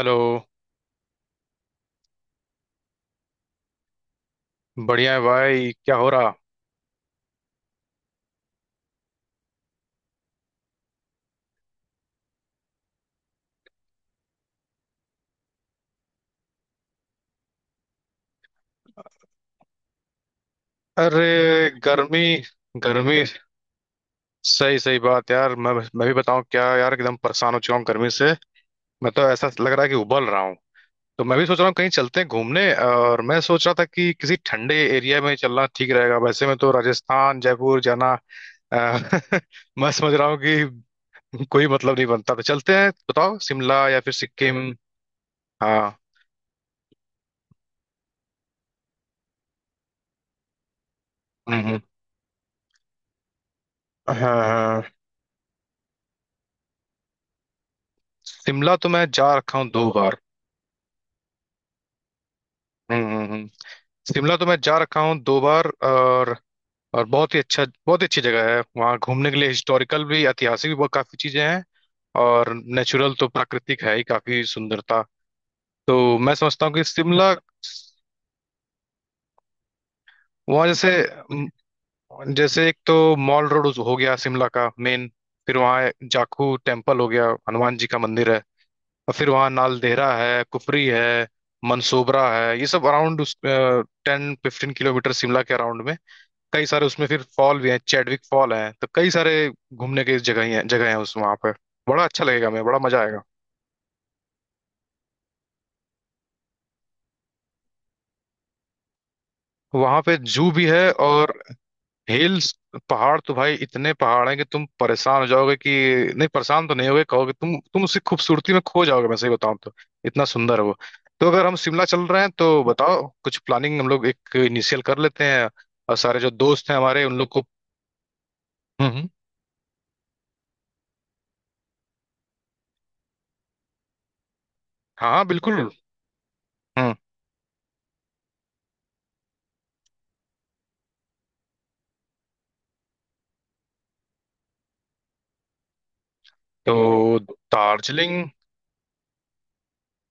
Hello. बढ़िया है भाई क्या हो रहा। अरे गर्मी गर्मी, सही सही बात यार। मैं भी बताऊं क्या यार, एकदम परेशान हो चुका हूँ गर्मी से। मैं तो ऐसा लग रहा है कि उबल रहा हूँ। तो मैं भी सोच रहा हूँ कहीं चलते हैं घूमने, और मैं सोच रहा था कि किसी ठंडे एरिया में चलना ठीक रहेगा। वैसे मैं तो राजस्थान जयपुर जाना अ, मैं समझ रहा हूँ कि कोई मतलब नहीं बनता, तो चलते हैं, बताओ शिमला या फिर सिक्किम। हाँ। हम्म, हम्म। हाँ हाँ। शिमला तो मैं जा रखा हूँ दो बार। हम्म हम्म, हम्म। शिमला तो मैं जा रखा हूँ दो बार, और बहुत ही अच्छा, बहुत ही अच्छी जगह है वहाँ घूमने के लिए। हिस्टोरिकल भी, ऐतिहासिक भी बहुत काफी चीजें हैं। और नेचुरल तो प्राकृतिक है ही, काफी सुंदरता। तो मैं समझता हूँ कि शिमला वहाँ जैसे म, जैसे एक तो मॉल रोड हो गया, शिमला का मेन। फिर वहाँ जाखू टेम्पल हो गया, हनुमान जी का मंदिर है। और फिर वहाँ नालदेहरा है, कुफरी है, मनसोबरा है। ये सब अराउंड 10-15 किलोमीटर शिमला के अराउंड में कई सारे, उसमें फिर फॉल भी हैं, चैडविक फॉल हैं। तो कई सारे घूमने के जगह हैं उस वहाँ पे। बड़ा अच्छा लगेगा, मैं बड़ा मजा आएगा। वहां पे जू भी है, और हिल्स, पहाड़ तो भाई इतने पहाड़ हैं कि तुम परेशान हो जाओगे कि नहीं, परेशान तो नहीं होगे, कहोगे, तुम उसकी खूबसूरती में खो जाओगे। मैं सही बताऊं तो इतना सुंदर है वो। तो अगर हम शिमला चल रहे हैं तो बताओ, कुछ प्लानिंग हम लोग एक इनिशियल कर लेते हैं, और सारे जो दोस्त हैं हमारे उन लोग को। हम्म हम्म। हाँ हाँ, बिल्कुल। हम्म। तो दार्जिलिंग।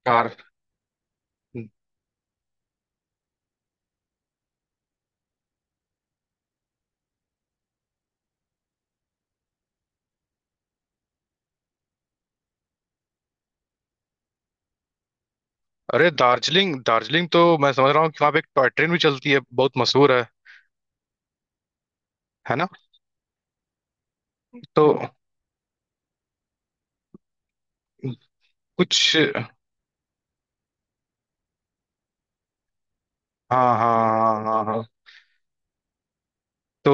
कार अरे दार्जिलिंग, दार्जिलिंग तो मैं समझ रहा हूँ कि वहाँ पे एक टॉय ट्रेन भी चलती है, बहुत मशहूर है ना। तो कुछ हाँ हाँ हाँ हाँ हाँ। तो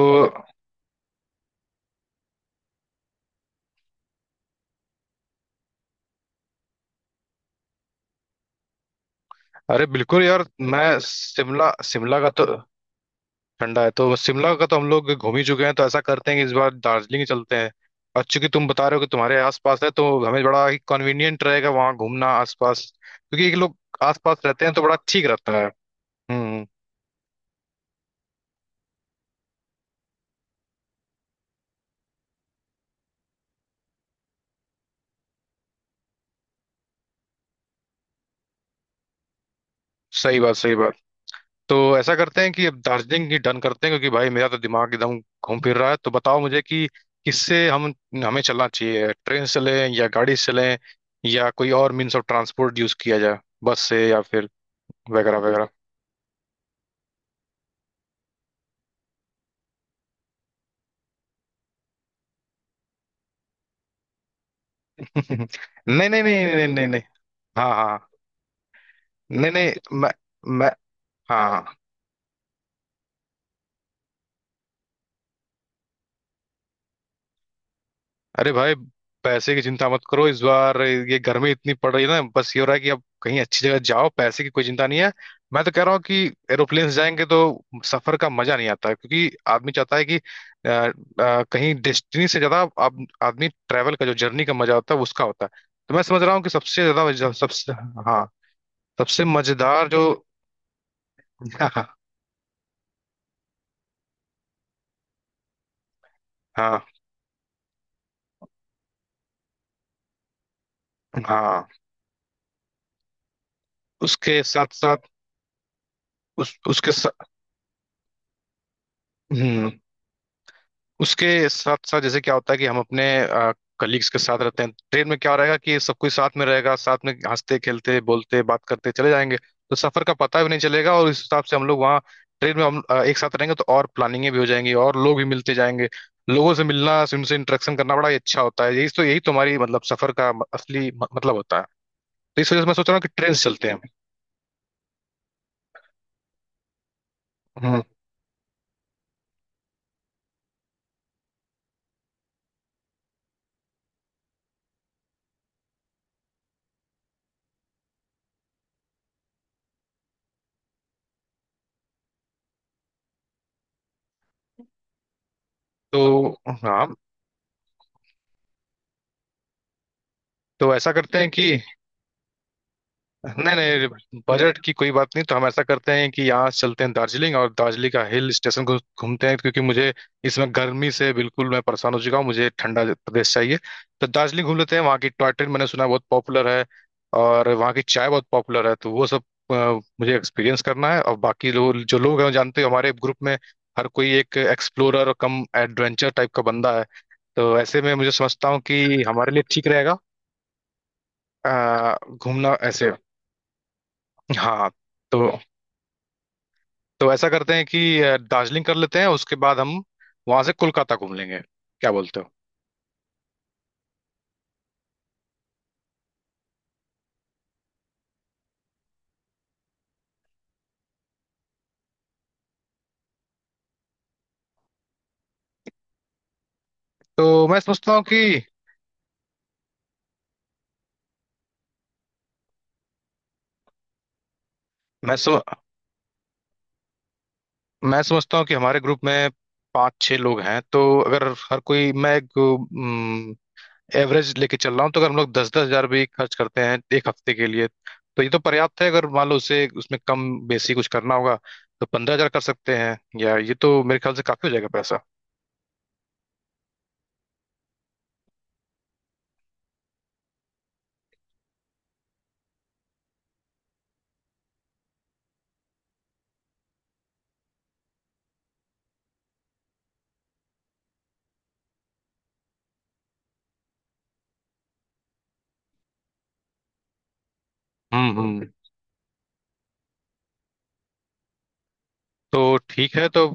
अरे बिल्कुल यार। मैं शिमला शिमला का तो ठंडा है तो, शिमला का तो हम लोग घूम ही चुके हैं, तो ऐसा करते हैं कि इस बार दार्जिलिंग ही चलते हैं। और चूंकि तुम बता रहे हो कि तुम्हारे आसपास है, तो हमें बड़ा ही कन्वीनियंट रहेगा वहाँ घूमना आसपास, क्योंकि एक लोग आसपास रहते हैं तो बड़ा ठीक रहता है। हम्म। सही बात, सही बात। तो ऐसा करते हैं कि अब दार्जिलिंग ही डन करते हैं, क्योंकि भाई मेरा तो दिमाग एकदम घूम फिर रहा है। तो बताओ मुझे कि किससे हम हमें चलना चाहिए, ट्रेन से चलें या गाड़ी से चलें, या कोई और मीन्स ऑफ ट्रांसपोर्ट यूज किया जाए, बस से या फिर वगैरह वगैरह। नहीं नहीं नहीं नहीं नहीं नहीं। हाँ हाँ। नहीं नहीं, मैं मैं हाँ हाँ। अरे भाई, पैसे की चिंता मत करो। इस बार ये गर्मी इतनी पड़ रही है ना, बस ये हो रहा है कि अब कहीं अच्छी जगह जाओ, पैसे की कोई चिंता नहीं है। मैं तो कह रहा हूँ कि एरोप्लेन से जाएंगे तो सफर का मजा नहीं आता, क्योंकि आदमी चाहता है कि कहीं डेस्टिनी से ज्यादा आदमी ट्रैवल का जो जर्नी का मजा होता है उसका होता है। तो मैं समझ रहा हूँ कि सबसे ज्यादा सबसे। हाँ। सबसे मजेदार जो। हाँ हाँ हाँ। उसके साथ साथ उस उसके साथ उसके साथ साथ जैसे क्या होता है कि हम अपने कलीग्स के साथ रहते हैं, ट्रेन में क्या रहेगा कि सब कोई साथ में रहेगा, साथ में हंसते, खेलते, बोलते, बात करते चले जाएंगे। तो सफर का पता भी नहीं चलेगा। और इस हिसाब से हम लोग वहाँ ट्रेन में हम एक साथ रहेंगे, तो और प्लानिंगें भी हो जाएंगी और लोग भी मिलते जाएंगे। लोगों से मिलना, उनसे इंटरेक्शन करना बड़ा ही अच्छा होता है। यही तो, यही तुम्हारी मतलब सफर का असली मतलब होता है। तो इस वजह से मैं सोच रहा हूँ कि ट्रेन से चलते हैं। हम्म। तो। हाँ। तो ऐसा करते हैं कि नहीं नहीं, बजट की कोई बात नहीं। तो हम ऐसा करते हैं कि यहाँ से चलते हैं दार्जिलिंग, और दार्जिलिंग का हिल स्टेशन को घूमते हैं, क्योंकि मुझे इसमें गर्मी से बिल्कुल मैं परेशान हो चुका हूँ, मुझे ठंडा प्रदेश चाहिए। तो दार्जिलिंग घूम लेते हैं, वहाँ की टॉय ट्रेन मैंने सुना है बहुत पॉपुलर है, और वहाँ की चाय बहुत पॉपुलर है। तो वो सब अ, मुझे एक्सपीरियंस करना है। और बाकी लोग जो लोग हैं वो जानते हो, हमारे ग्रुप में हर कोई एक एक्सप्लोरर और कम एडवेंचर टाइप का बंदा है। तो ऐसे में मुझे समझता हूँ कि हमारे लिए ठीक रहेगा अ, घूमना ऐसे। हाँ। तो। तो ऐसा करते हैं कि दार्जिलिंग कर लेते हैं, उसके बाद हम वहां से कोलकाता घूम लेंगे, क्या बोलते हो। तो मैं समझता हूँ कि मैं सम, मैं समझता हूँ कि हमारे ग्रुप में पांच छह लोग हैं। तो अगर हर कोई, मैं एक एवरेज लेके चल रहा हूँ, तो अगर हम लोग 10-10 हजार भी खर्च करते हैं एक हफ्ते के लिए, तो ये तो पर्याप्त है। अगर मान लो उसे उसमें कम बेसी कुछ करना होगा, तो 15 हजार कर सकते हैं, या ये तो मेरे ख्याल से काफी हो जाएगा पैसा। हम्म। तो ठीक है। तो।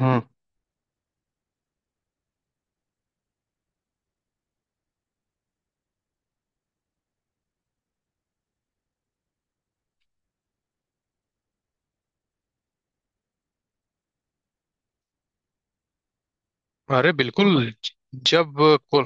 हम्म। अरे बिल्कुल। ज- जब को-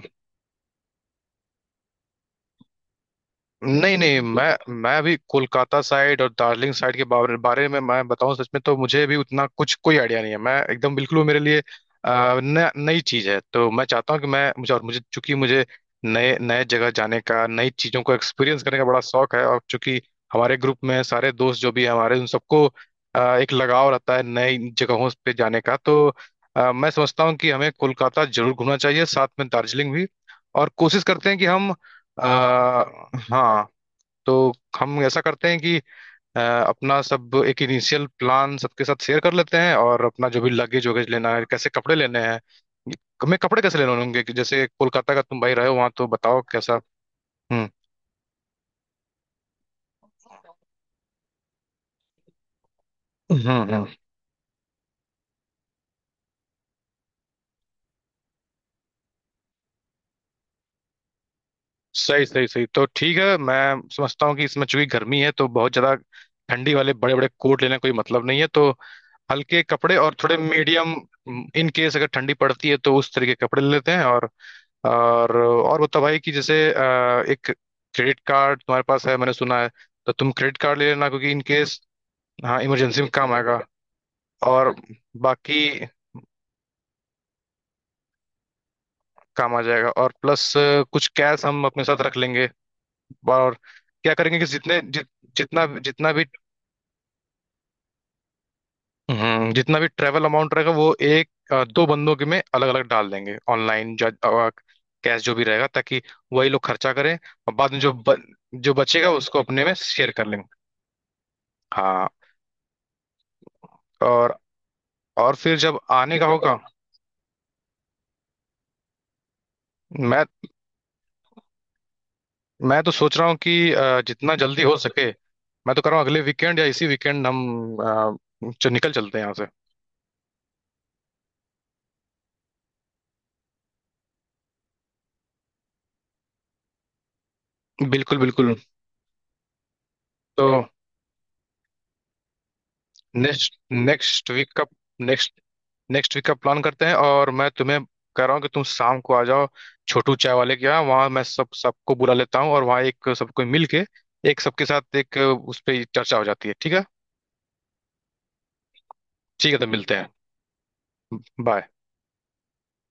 नहीं नहीं, मैं अभी कोलकाता साइड और दार्जिलिंग साइड के बारे में मैं बताऊं सच में तो मुझे भी उतना कुछ कोई आइडिया नहीं है। मैं एकदम बिल्कुल, वो मेरे लिए नई चीज है। तो मैं चाहता हूँ कि मैं मुझे और मुझे चूंकि मुझे नए नए जगह जाने का, नई चीजों को एक्सपीरियंस करने का बड़ा शौक है। और चूंकि हमारे ग्रुप में सारे दोस्त जो भी हैं हमारे, उन सबको एक लगाव रहता है नई जगहों पे जाने का। तो मैं समझता हूँ कि हमें कोलकाता जरूर घूमना चाहिए, साथ में दार्जिलिंग भी। और कोशिश करते हैं कि हम आ, हाँ। तो हम ऐसा करते हैं कि अपना सब एक इनिशियल प्लान सबके साथ शेयर कर लेते हैं, और अपना जो भी लगेज वगैरह लेना है, कैसे कपड़े लेने हैं, हमें कपड़े कैसे लेने होंगे कि जैसे कोलकाता का तुम भाई रहे हो वहां, तो बताओ कैसा। हम्म हम्म। सही सही सही, तो ठीक है। मैं समझता हूँ कि इसमें चूंकि गर्मी है तो बहुत ज्यादा ठंडी वाले बड़े बड़े कोट लेने का कोई मतलब नहीं है। तो हल्के कपड़े और थोड़े मीडियम, इन केस अगर ठंडी पड़ती है तो उस तरीके के कपड़े ले लेते हैं। और बताओ भाई कि जैसे एक क्रेडिट कार्ड तुम्हारे पास है मैंने सुना है। तो तुम क्रेडिट कार्ड ले लेना, क्योंकि इन केस। हाँ, इमरजेंसी में काम आएगा। और बाकी काम आ जाएगा, और प्लस कुछ कैश हम अपने साथ रख लेंगे। और क्या करेंगे कि जितना जितना भी, जितना भी ट्रेवल अमाउंट रहेगा, वो एक दो बंदों के में अलग अलग डाल देंगे ऑनलाइन, कैश जो भी रहेगा, ताकि वही लोग खर्चा करें। और बाद में जो बचेगा उसको अपने में शेयर कर लेंगे। हाँ। और फिर जब आने का ठीक है होगा। मैं मैं तो सोच रहा हूँ कि जितना जल्दी हो सके। मैं तो कर रहा हूँ अगले वीकेंड या इसी वीकेंड हम निकल चलते हैं यहाँ से। बिल्कुल बिल्कुल। तो नेक्स्ट नेक्स्ट वीक का नेक्स्ट नेक्स्ट वीक का प्लान करते हैं, और मैं तुम्हें कह रहा हूँ कि तुम शाम को आ जाओ छोटू चाय वाले के यहाँ, वहाँ मैं सब सबको बुला लेता हूँ, और वहाँ एक सबको मिल के एक सबके साथ एक उस पर चर्चा हो जाती है, ठीक है। ठीक है, तो मिलते हैं। बाय।